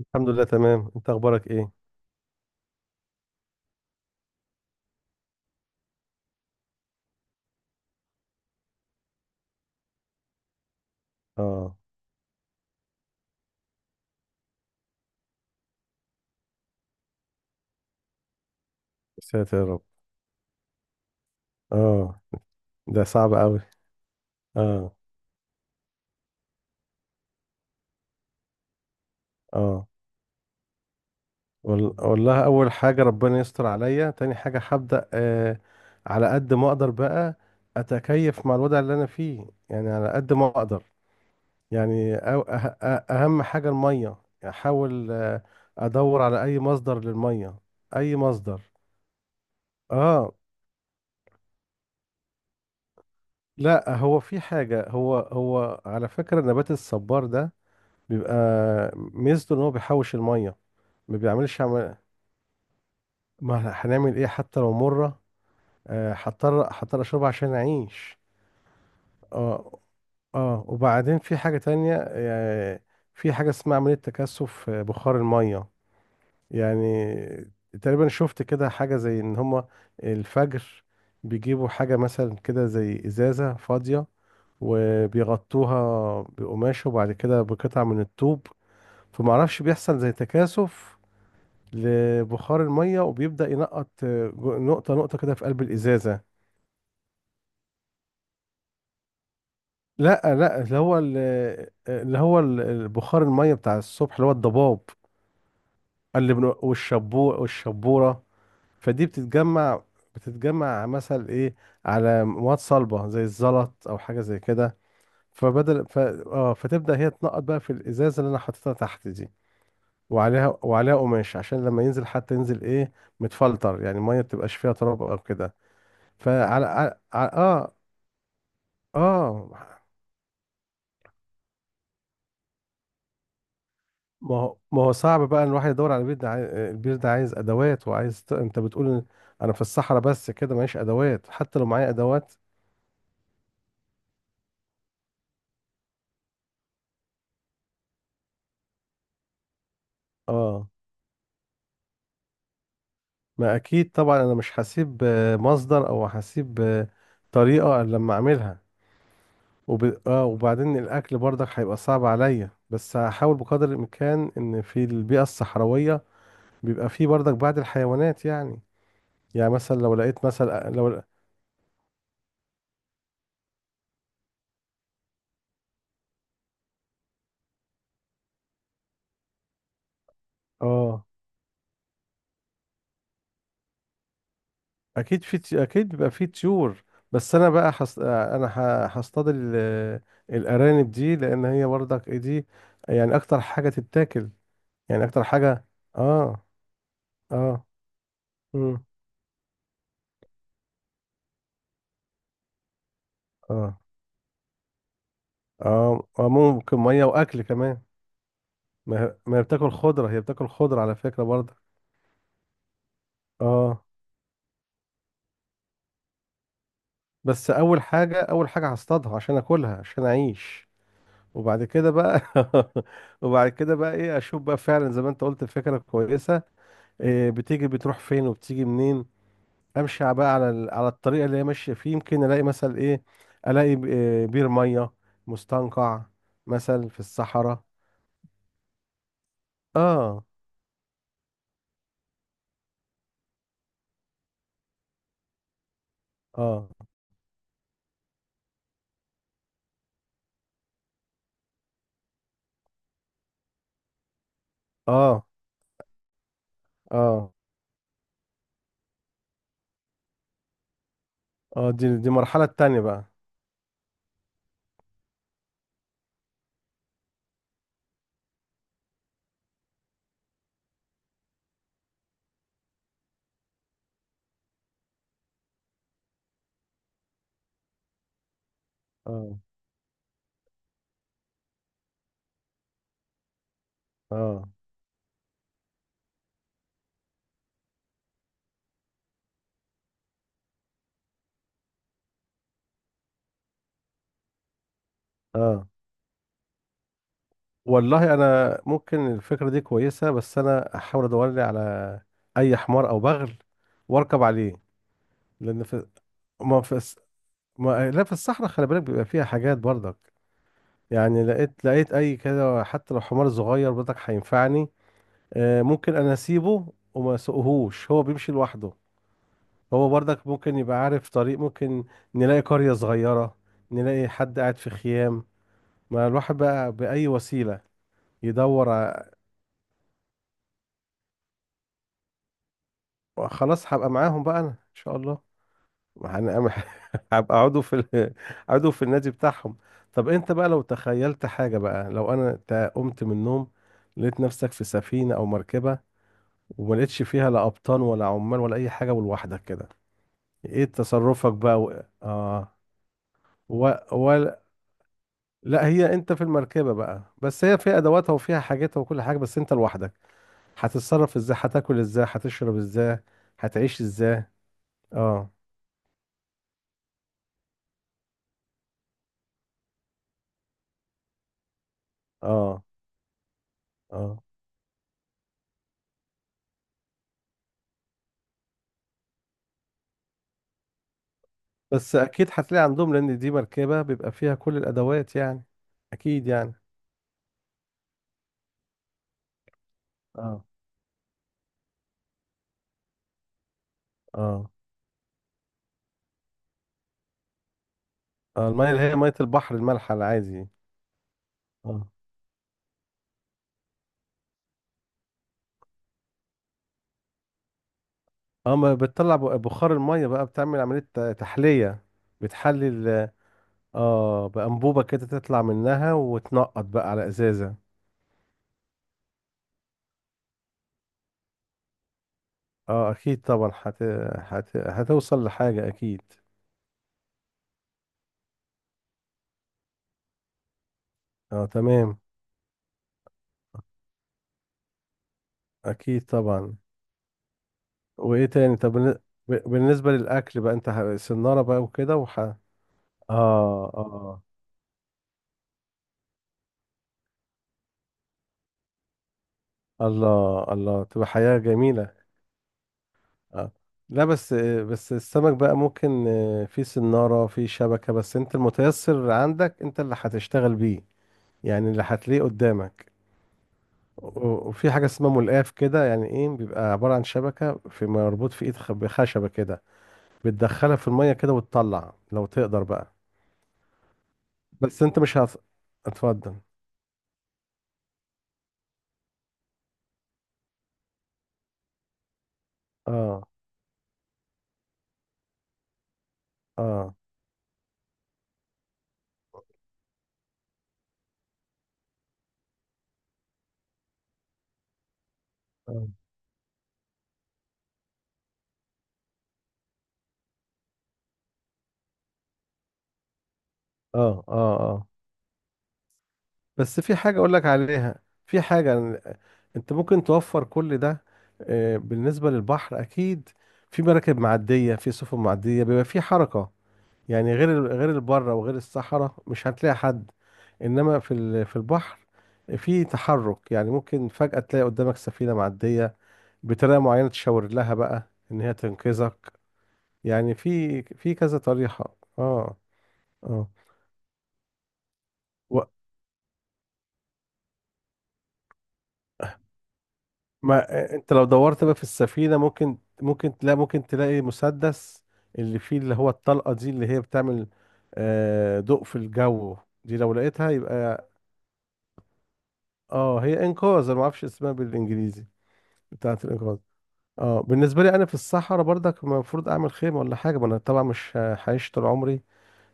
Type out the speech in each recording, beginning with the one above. الحمد لله، تمام. انت اخبارك ايه؟ اه. يا ساتر يا رب. اه. ده صعب قوي. اه. اه، والله اول حاجه ربنا يستر عليا، تاني حاجه هبدا على قد ما اقدر بقى، اتكيف مع الوضع اللي انا فيه، يعني على قد ما اقدر. يعني اهم حاجه الميه. احاول ادور على اي مصدر للميه، اي مصدر. اه. لا، هو في حاجه، هو على فكره نبات الصبار ده بيبقى ميزته ان هو بيحوش الميه. ما بيعملش عم... ما هنعمل ايه، حتى لو مره هضطر اشربها عشان اعيش. اه. اه، وبعدين في حاجه تانية، في حاجه اسمها عمليه تكثف بخار الميه. يعني تقريبا شفت كده حاجه زي ان هما الفجر بيجيبوا حاجه مثلا كده زي ازازه فاضيه، وبيغطوها بقماش، وبعد كده بقطع من الطوب، فمعرفش بيحصل زي تكاثف لبخار الميه، وبيبدأ ينقط نقطة نقطة كده في قلب الإزازة. لا، لا، اللي هو البخار الميه بتاع الصبح اللي هو الضباب، والشبو والشبورة، فدي بتتجمع. بتتجمع مثلا ايه على مواد صلبة زي الزلط او حاجة زي كده، فبدل ف... اه فتبدأ هي تنقط بقى في الإزازة اللي انا حاططها تحت دي. وعليها قماش عشان لما ينزل حتى ينزل ايه، متفلتر، يعني الميه ما تبقاش فيها تراب او كده. فعلى على... على... اه اه. ما هو صعب بقى ان الواحد يدور على بير، البير ده عايز ادوات وعايز انت بتقول إن انا في الصحراء بس كده معيش ادوات، حتى لو معايا ادوات. اه. ما اكيد طبعا، انا مش هسيب مصدر او هسيب طريقة إلا لما اعملها. وب... اه وبعدين الاكل برضك هيبقى صعب عليا، بس هحاول بقدر الامكان ان في البيئة الصحراوية بيبقى فيه برضك بعض الحيوانات، يعني. يعني مثلا لو لقيت، مثلا لو اه، اكيد بيبقى في طيور، بس انا بقى هصطاد الارانب دي، لان هي برضك ايه دي، يعني اكتر حاجه تتاكل، يعني اكتر حاجه. اه. اه. امم. اه. اه. آه، ممكن ميه واكل كمان. ما هي بتاكل خضره، هي بتاكل خضره على فكره برضك. اه، بس اول حاجه هصطادها عشان اكلها عشان اعيش. وبعد كده بقى. وبعد كده بقى ايه، اشوف بقى فعلا زي ما انت قلت فكره كويسه، إيه، بتيجي بتروح فين وبتيجي منين. امشي على- بقى على ال- على الطريقه اللي هي ماشيه فيه، يمكن الاقي مثلا ايه، إيه، بير ميه، مستنقع مثلا في الصحراء. اه. اه. اه. اه. اه. دي المرحله التانيه بقى. اه. اه. اه. والله انا ممكن الفكره دي كويسه، بس انا احاول ادور لي على اي حمار او بغل واركب عليه. لان في، ما في الس- ما لا في الصحراء، خلي بالك بيبقى فيها حاجات برضك، يعني. لقيت اي كده، حتى لو حمار صغير بدك هينفعني. ممكن انا اسيبه وما اسوقهوش هو بيمشي لوحده. هو برضك ممكن يبقى عارف طريق، ممكن نلاقي قرية صغيرة، نلاقي حد قاعد في خيام. ما الواحد بقى بأي وسيلة. يدور ع- خلاص هبقى معاهم بقى انا ان شاء الله. ما هن- هبقى عضو في عضو في النادي بتاعهم. طب انت بقى لو تخيلت حاجة بقى، لو انا قمت من النوم لقيت نفسك في سفينة او مركبة، وما لقيتش فيها لا قبطان ولا عمال ولا اي حاجه، ولوحدك كده، ايه تصرفك بقى و... اه و... ولا لا، هي انت في المركبه بقى، بس هي فيها ادواتها وفيها حاجاتها وكل حاجه، بس انت لوحدك. هتتصرف ازاي، هتاكل ازاي، هتشرب ازاي، هتعيش ازاي؟ اه. اه. اه، بس اكيد هتلاقي عندهم، لان دي مركبه بيبقى فيها كل الادوات، يعني اكيد يعني. اه. اه، آه. الميه اللي هي ميه البحر المالحه العادي. اه. اه، ما بتطلع ب- بخار المية بقى، بتعمل عملية تحلية، بتحلل. اه، بأنبوبة كده تطلع منها وتنقط بقى على ازازة. اه، اكيد طبعا، هتوصل لحاجة اكيد. اه، تمام. اكيد طبعا. وايه تاني؟ بالنسبة للاكل بقى، انت سنارة بقى وكده، وح اه. اه. الله، الله، تبقى حياة جميلة. اه. لا، بس السمك بقى ممكن في سنارة في شبكة، بس انت المتيسر عندك انت اللي هتشتغل بيه، يعني اللي هتلاقيه قدامك. وفي حاجة اسمها ملقاف كده، يعني ايه، بيبقى عبارة عن شبكة في مربوط في بخشبة كده، بتدخلها في المية كده وتطلع لو تقدر بقى. بس انت مش هت... اتفضل. اه. اه. اه. اه. اه، آه. بس في حاجة أقول لك عليها، أنت ممكن توفر كل ده. بالنسبة للبحر أكيد في مراكب معدية، في سفن معدية، بيبقى في حركة، يعني غير البرة وغير الصحراء مش هتلاقي حد، إنما في في البحر في تحرك، يعني ممكن فجأة تلاقي قدامك سفينة معدية، بطريقة معينة تشاور لها بقى إن هي تنقذك، يعني في كذا طريقة. اه. اه، ما انت لو دورت بقى في السفينة ممكن تلاقي، ممكن تلاقي مسدس اللي فيه، اللي هو الطلقة دي اللي هي بتعمل ضوء في الجو. دي لو لقيتها يبقى، اه، هي انقاذ، انا ما اعرفش اسمها بالانجليزي، بتاعة الانقاذ. اه، بالنسبة لي انا في الصحراء برضك المفروض اعمل خيمة ولا حاجة، ما انا طبعا مش هعيش طول عمري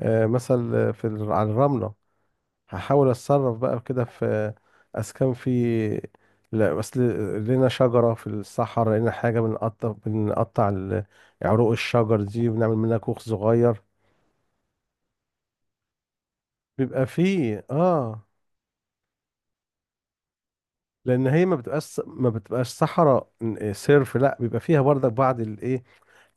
على الرملة. هحاول اتصرف بقى كده في اسكان في، لا بس لقينا شجره في الصحراء، لقينا حاجه بنقطع، عروق الشجر دي وبنعمل منها كوخ صغير، بيبقى فيه اه، لان هي ما بتبقاش صحراء صرف، لا بيبقى فيها برضك بعض الايه،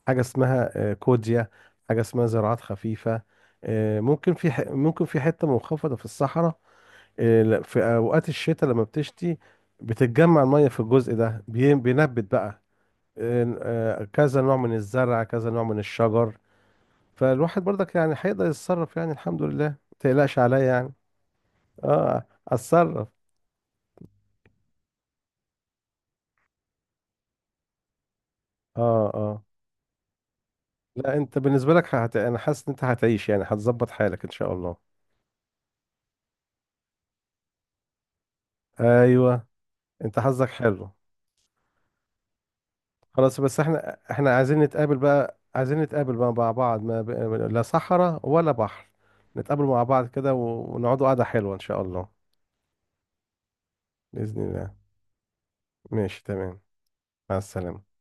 حاجه اسمها كوديا، حاجه اسمها زراعات خفيفه، ممكن في ممكن في حته منخفضه في الصحراء، إيه، لا، في اوقات الشتاء لما بتشتي بتتجمع الميه في الجزء ده، بينبت بقى إن- كذا نوع من الزرع، كذا نوع من الشجر. فالواحد برضك يعني هيقدر يتصرف، يعني الحمد لله ما تقلقش عليا يعني. اه، اتصرف. اه. اه. لا، انت بالنسبه لك انا حاسس ان انت هتعيش، يعني هتظبط حالك ان شاء الله. ايوه، انت حظك حلو. خلاص، بس احنا عايزين نتقابل بقى، عايزين نتقابل بقى مع بعض، ما ب... لا صحراء ولا بحر، نتقابل مع بعض كده ونقعدوا قعدة حلوة إن شاء الله. بإذن الله. ماشي، تمام. مع السلامة.